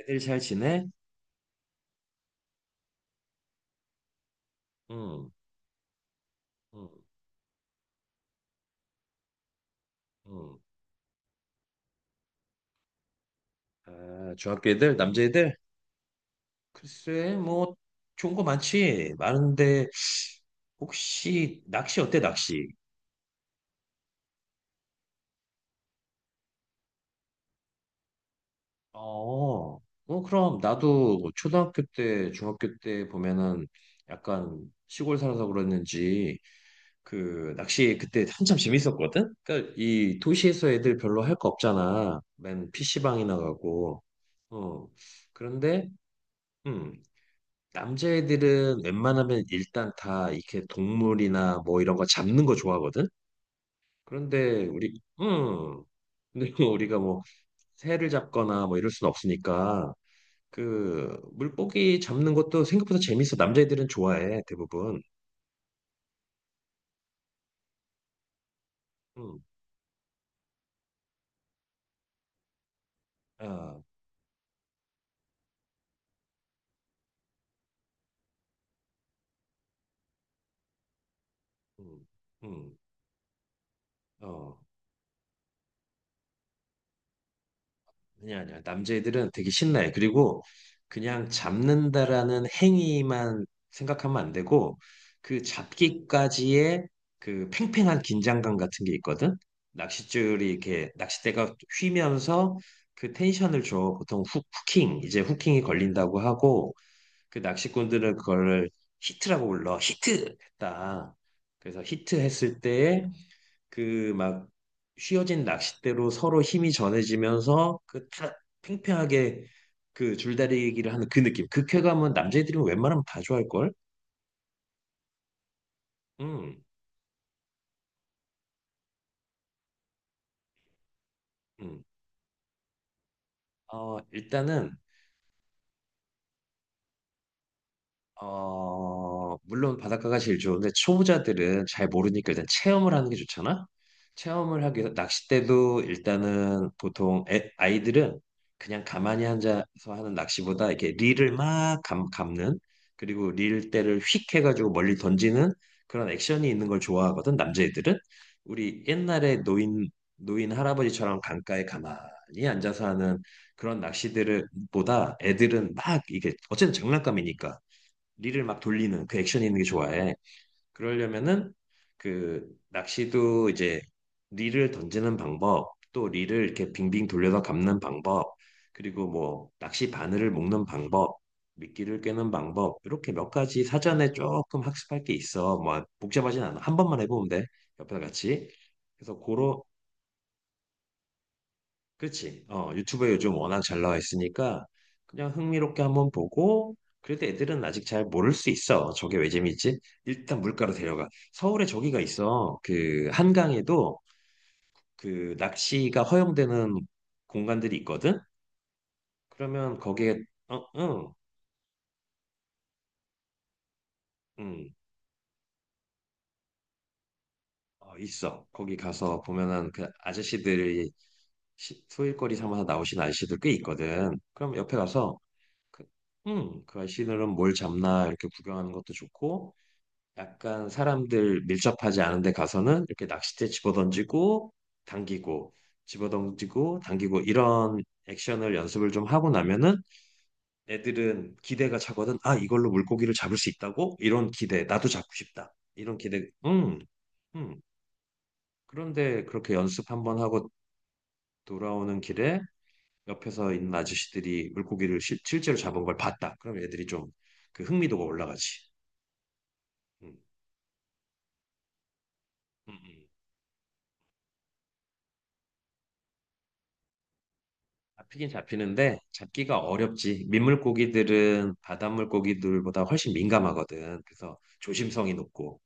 애들 잘 지내? 응, 응, 응. 아, 중학교 애들, 남자애들? 글쎄, 뭐, 좋은 거 많지. 많은데, 혹시, 낚시 어때, 낚시? 어, 어, 그럼, 나도 초등학교 때, 중학교 때 보면은, 약간, 시골 살아서 그랬는지, 그, 낚시 그때 한참 재밌었거든? 그니까, 이 도시에서 애들 별로 할 거 없잖아. 맨 PC방이나 가고, 어. 그런데, 음, 남자애들은 웬만하면 일단 다 이렇게 동물이나 뭐 이런 거 잡는 거 좋아하거든? 그런데 우리, 음, 근데 우리가 뭐 새를 잡거나 뭐 이럴 순 없으니까 그 물고기 잡는 것도 생각보다 재밌어. 남자애들은 좋아해, 대부분. 음, 아, 음, 음, 어. 아니야, 아니야. 남자애들은 되게 신나해. 그리고 그냥 잡는다라는 행위만 생각하면 안 되고, 그 잡기까지의 그 팽팽한 긴장감 같은 게 있거든? 낚싯줄이 이렇게, 낚싯대가 휘면서 그 텐션을 줘. 보통 후, 킹 이제 후킹이 걸린다고 하고, 그 낚시꾼들은 그걸 히트라고 불러. 히트! 했다. 그래서 히트 했을 때에 그 막 휘어진 낚싯대로 서로 힘이 전해지면서 그 팽팽하게 그 줄다리기를 하는 그 느낌. 그 쾌감은 남자애들이 웬만하면 다 좋아할걸? 음, 음. 어, 일단은 어, 물론 바닷가가 제일 좋은데 초보자들은 잘 모르니까 일단 체험을 하는 게 좋잖아. 체험을 하기 위해서 낚싯대도 일단은 보통 아이들은 그냥 가만히 앉아서 하는 낚시보다 이렇게 릴을 막 감는 그리고 릴대를 휙 해가지고 멀리 던지는 그런 액션이 있는 걸 좋아하거든 남자애들은 우리 옛날에 노인 할아버지처럼 강가에 가만히 앉아서 하는 그런 낚시들을 보다 애들은 막 이게 어쨌든 장난감이니까 릴을 막 돌리는 그 액션 있는 게 좋아해. 그러려면은 그 낚시도 이제 릴을 던지는 방법, 또 릴을 이렇게 빙빙 돌려서 감는 방법, 그리고 뭐 낚시 바늘을 묶는 방법, 미끼를 꿰는 방법, 이렇게 몇 가지 사전에 조금 학습할 게 있어. 뭐 복잡하진 않아. 한 번만 해보면 돼. 옆에서 같이. 그래서 고로 그지 어, 유튜브에 요즘 워낙 잘 나와 있으니까 그냥 흥미롭게 한번 보고 그래도 애들은 아직 잘 모를 수 있어. 저게 왜 재밌지? 일단 물가로 데려가. 서울에 저기가 있어. 그 한강에도 그 낚시가 허용되는 공간들이 있거든? 그러면 거기에 어, 응, 응, 어, 있어. 거기 가서 보면은 그 아저씨들이 소일거리 삼아서 나오신 아저씨들 꽤 있거든. 그럼 옆에 가서 그, 응, 그 아저씨들은 뭘 잡나 이렇게 구경하는 것도 좋고 약간 사람들 밀접하지 않은 데 가서는 이렇게 낚싯대 집어던지고 당기고 집어던지고 당기고 이런 액션을 연습을 좀 하고 나면은 애들은 기대가 차거든. 아, 이걸로 물고기를 잡을 수 있다고? 이런 기대. 나도 잡고 싶다. 이런 기대. 음. 그런데 그렇게 연습 한번 하고 돌아오는 길에 옆에서 있는 아저씨들이 물고기를 제로 잡은 걸 봤다. 그럼 애들이 좀 그 흥미도가 올라가지. 음, 음, 음. 잡히긴 잡히는데 잡기가 어렵지. 민물고기들은 바닷물 고기들보다 훨씬 민감하거든. 그래서 조심성이 높고.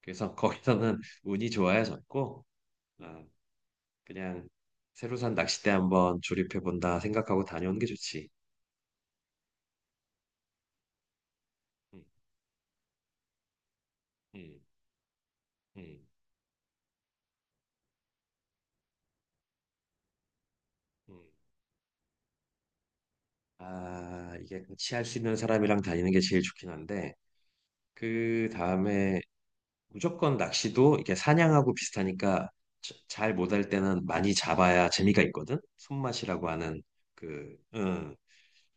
그래서 거기서는 운이 좋아야 잡고 아, 그냥 새로 산 낚싯대 한번 조립해 본다 생각하고 다녀오는 게 좋지. 음, 음, 음, 음. 아, 이게 같이 할 수 있는 사람이랑 다니는 게 제일 좋긴 한데 그 다음에 무조건 낚시도 이게 사냥하고 비슷하니까 잘 못할 때는 많이 잡아야 재미가 있거든. 손맛이라고 하는 그, 응.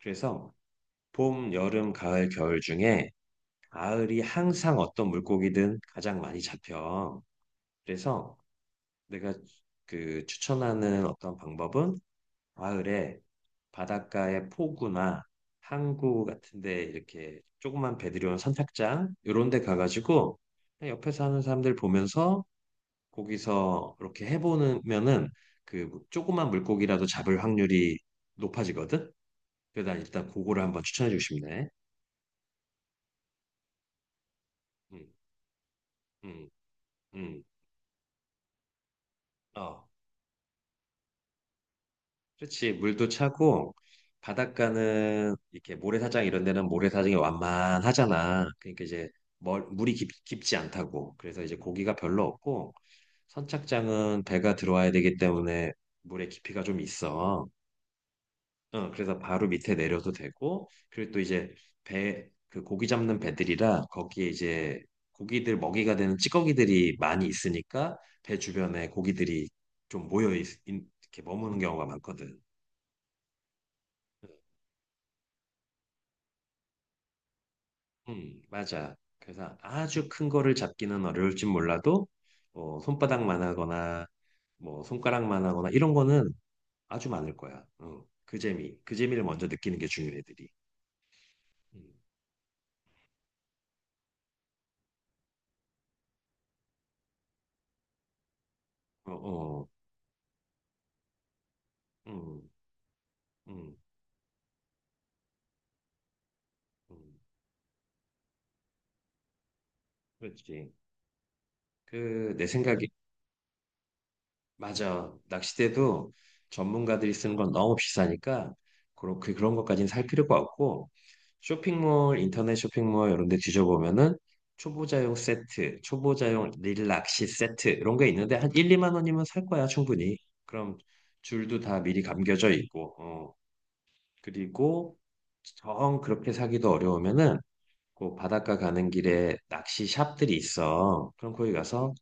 그래서 봄, 여름, 가을, 겨울 중에 가을이 항상 어떤 물고기든 가장 많이 잡혀. 그래서 내가 그 추천하는 어떤 방법은 가을에 바닷가에 포구나 항구 같은데 이렇게 조그만 배들이 온 선착장 이런 데 가가지고 그냥 옆에서 하는 사람들 보면서 거기서 이렇게 해보면은 그 조그만 물고기라도 잡을 확률이 높아지거든. 그래서 난 일단 그거를 한번 추천해주고 싶네. 음, 음, 음. 어, 그렇지. 물도 차고 바닷가는 이렇게 모래사장 이런 데는 모래사장이 완만하잖아. 그러니까 이제 물이 깊지 않다고. 그래서 이제 고기가 별로 없고 선착장은 배가 들어와야 되기 때문에 물의 깊이가 좀 있어. 어, 그래서 바로 밑에 내려도 되고, 그리고 또 이제 배, 그 고기 잡는 배들이라 거기에 이제 고기들 먹이가 되는 찌꺼기들이 많이 있으니까 배 주변에 고기들이 좀 모여 이렇게 머무는 경우가 많거든. 맞아. 그래서 아주 큰 거를 잡기는 어려울진 몰라도 뭐 손바닥만 하거나 뭐 손가락만 하거나 이런 거는 아주 많을 거야. 어, 그 재미, 그 재미를 먼저 느끼는 게 중요해, 들이 어, 어, 음, 음, 음. 그렇지. 그, 내 생각에, 맞아. 낚싯대도 전문가들이 쓰는 건 너무 비싸니까, 그런, 그, 그런 것까지는 살 필요가 없고, 쇼핑몰, 인터넷 쇼핑몰 이런 데 뒤져보면은, 초보자용 세트, 초보자용 릴낚시 세트, 이런 게 있는데, 한 1, 2만 원이면 살 거야, 충분히. 그럼 줄도 다 미리 감겨져 있고, 어. 그리고, 정 그렇게 사기도 어려우면은, 그 바닷가 가는 길에 낚시 샵들이 있어. 그럼 거기 가서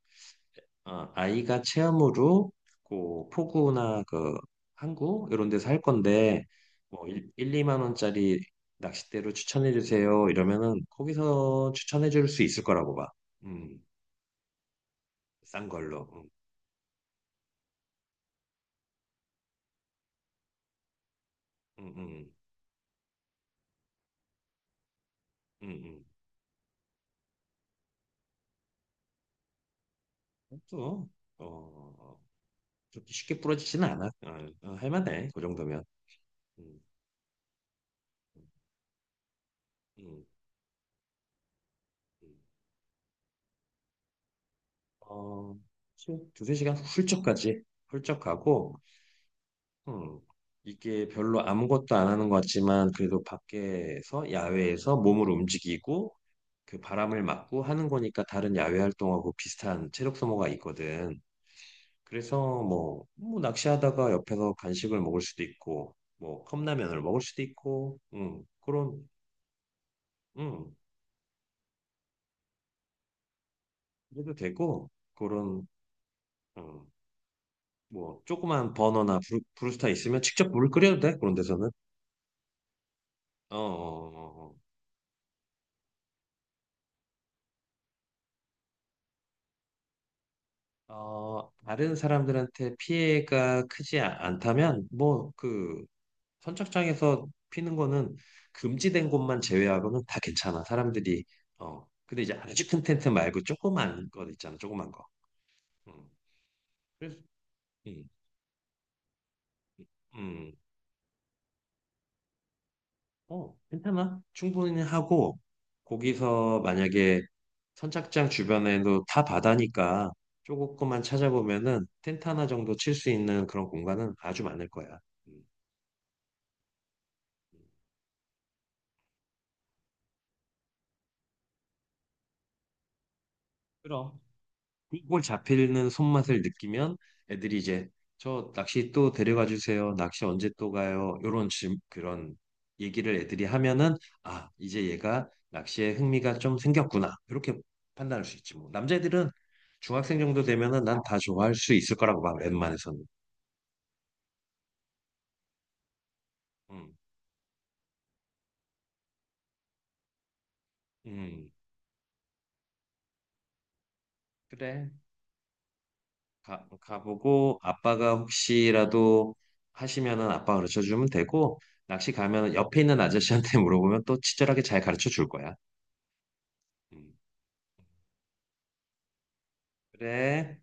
아, 아이가 체험으로 그 포구나 그 항구 이런 데서 할 건데 뭐 1, 2만 원짜리 낚싯대로 추천해 주세요. 이러면은 거기서 추천해 줄 수 있을 거라고 봐. 음, 싼 걸로. 음, 음, 음, 음. 음. 또 어, 그렇게 쉽게 부러지지는 않아. 어, 어, 할 만해. 그 정도면. 음, 음, 음. 음. 어, 두세 시간 훌쩍 가지. 훌쩍 가고 음, 이게 별로 아무것도 안 하는 것 같지만 그래도 밖에서 야외에서 몸을 움직이고 그 바람을 맞고 하는 거니까 다른 야외 활동하고 비슷한 체력 소모가 있거든. 그래서 뭐, 뭐 낚시하다가 옆에서 간식을 먹을 수도 있고 뭐 컵라면을 먹을 수도 있고 그런 음, 그래도 되고 그런 음, 뭐 조그만 버너나 브루스타 있으면 직접 물을 끓여도 돼 그런 데서는. 어, 어, 어, 어. 어, 다른 사람들한테 피해가 크지 않다면, 뭐, 그, 선착장에서 피는 거는 금지된 곳만 제외하고는 다 괜찮아. 사람들이, 어, 근데 이제 아주 큰 텐트 말고 조그만 거 있잖아. 조그만 거. 음. 그래서, 음, 음, 어, 괜찮아. 충분히 하고, 거기서 만약에 선착장 주변에도 다 바다니까 조금만 찾아보면은 텐트 하나 정도 칠 수 있는 그런 공간은 아주 많을 거야. 음. 음. 그럼. 꿀꿀 잡히는 손맛을 느끼면 애들이 이제 저 낚시 또 데려가 주세요. 낚시 언제 또 가요? 요런 질 그런 얘기를 애들이 하면은 아, 이제 얘가 낚시에 흥미가 좀 생겼구나. 이렇게 판단할 수 있지 뭐. 남자애들은 중학생 정도 되면은 난 다 좋아할 수 있을 거라고 봐. 웬만해서는. 음. 음. 그래. 가 가보고 아빠가 혹시라도 하시면은 아빠 가르쳐 주면 되고 낚시 가면은 옆에 있는 아저씨한테 물어보면 또 친절하게 잘 가르쳐 줄 거야. 음. 그래.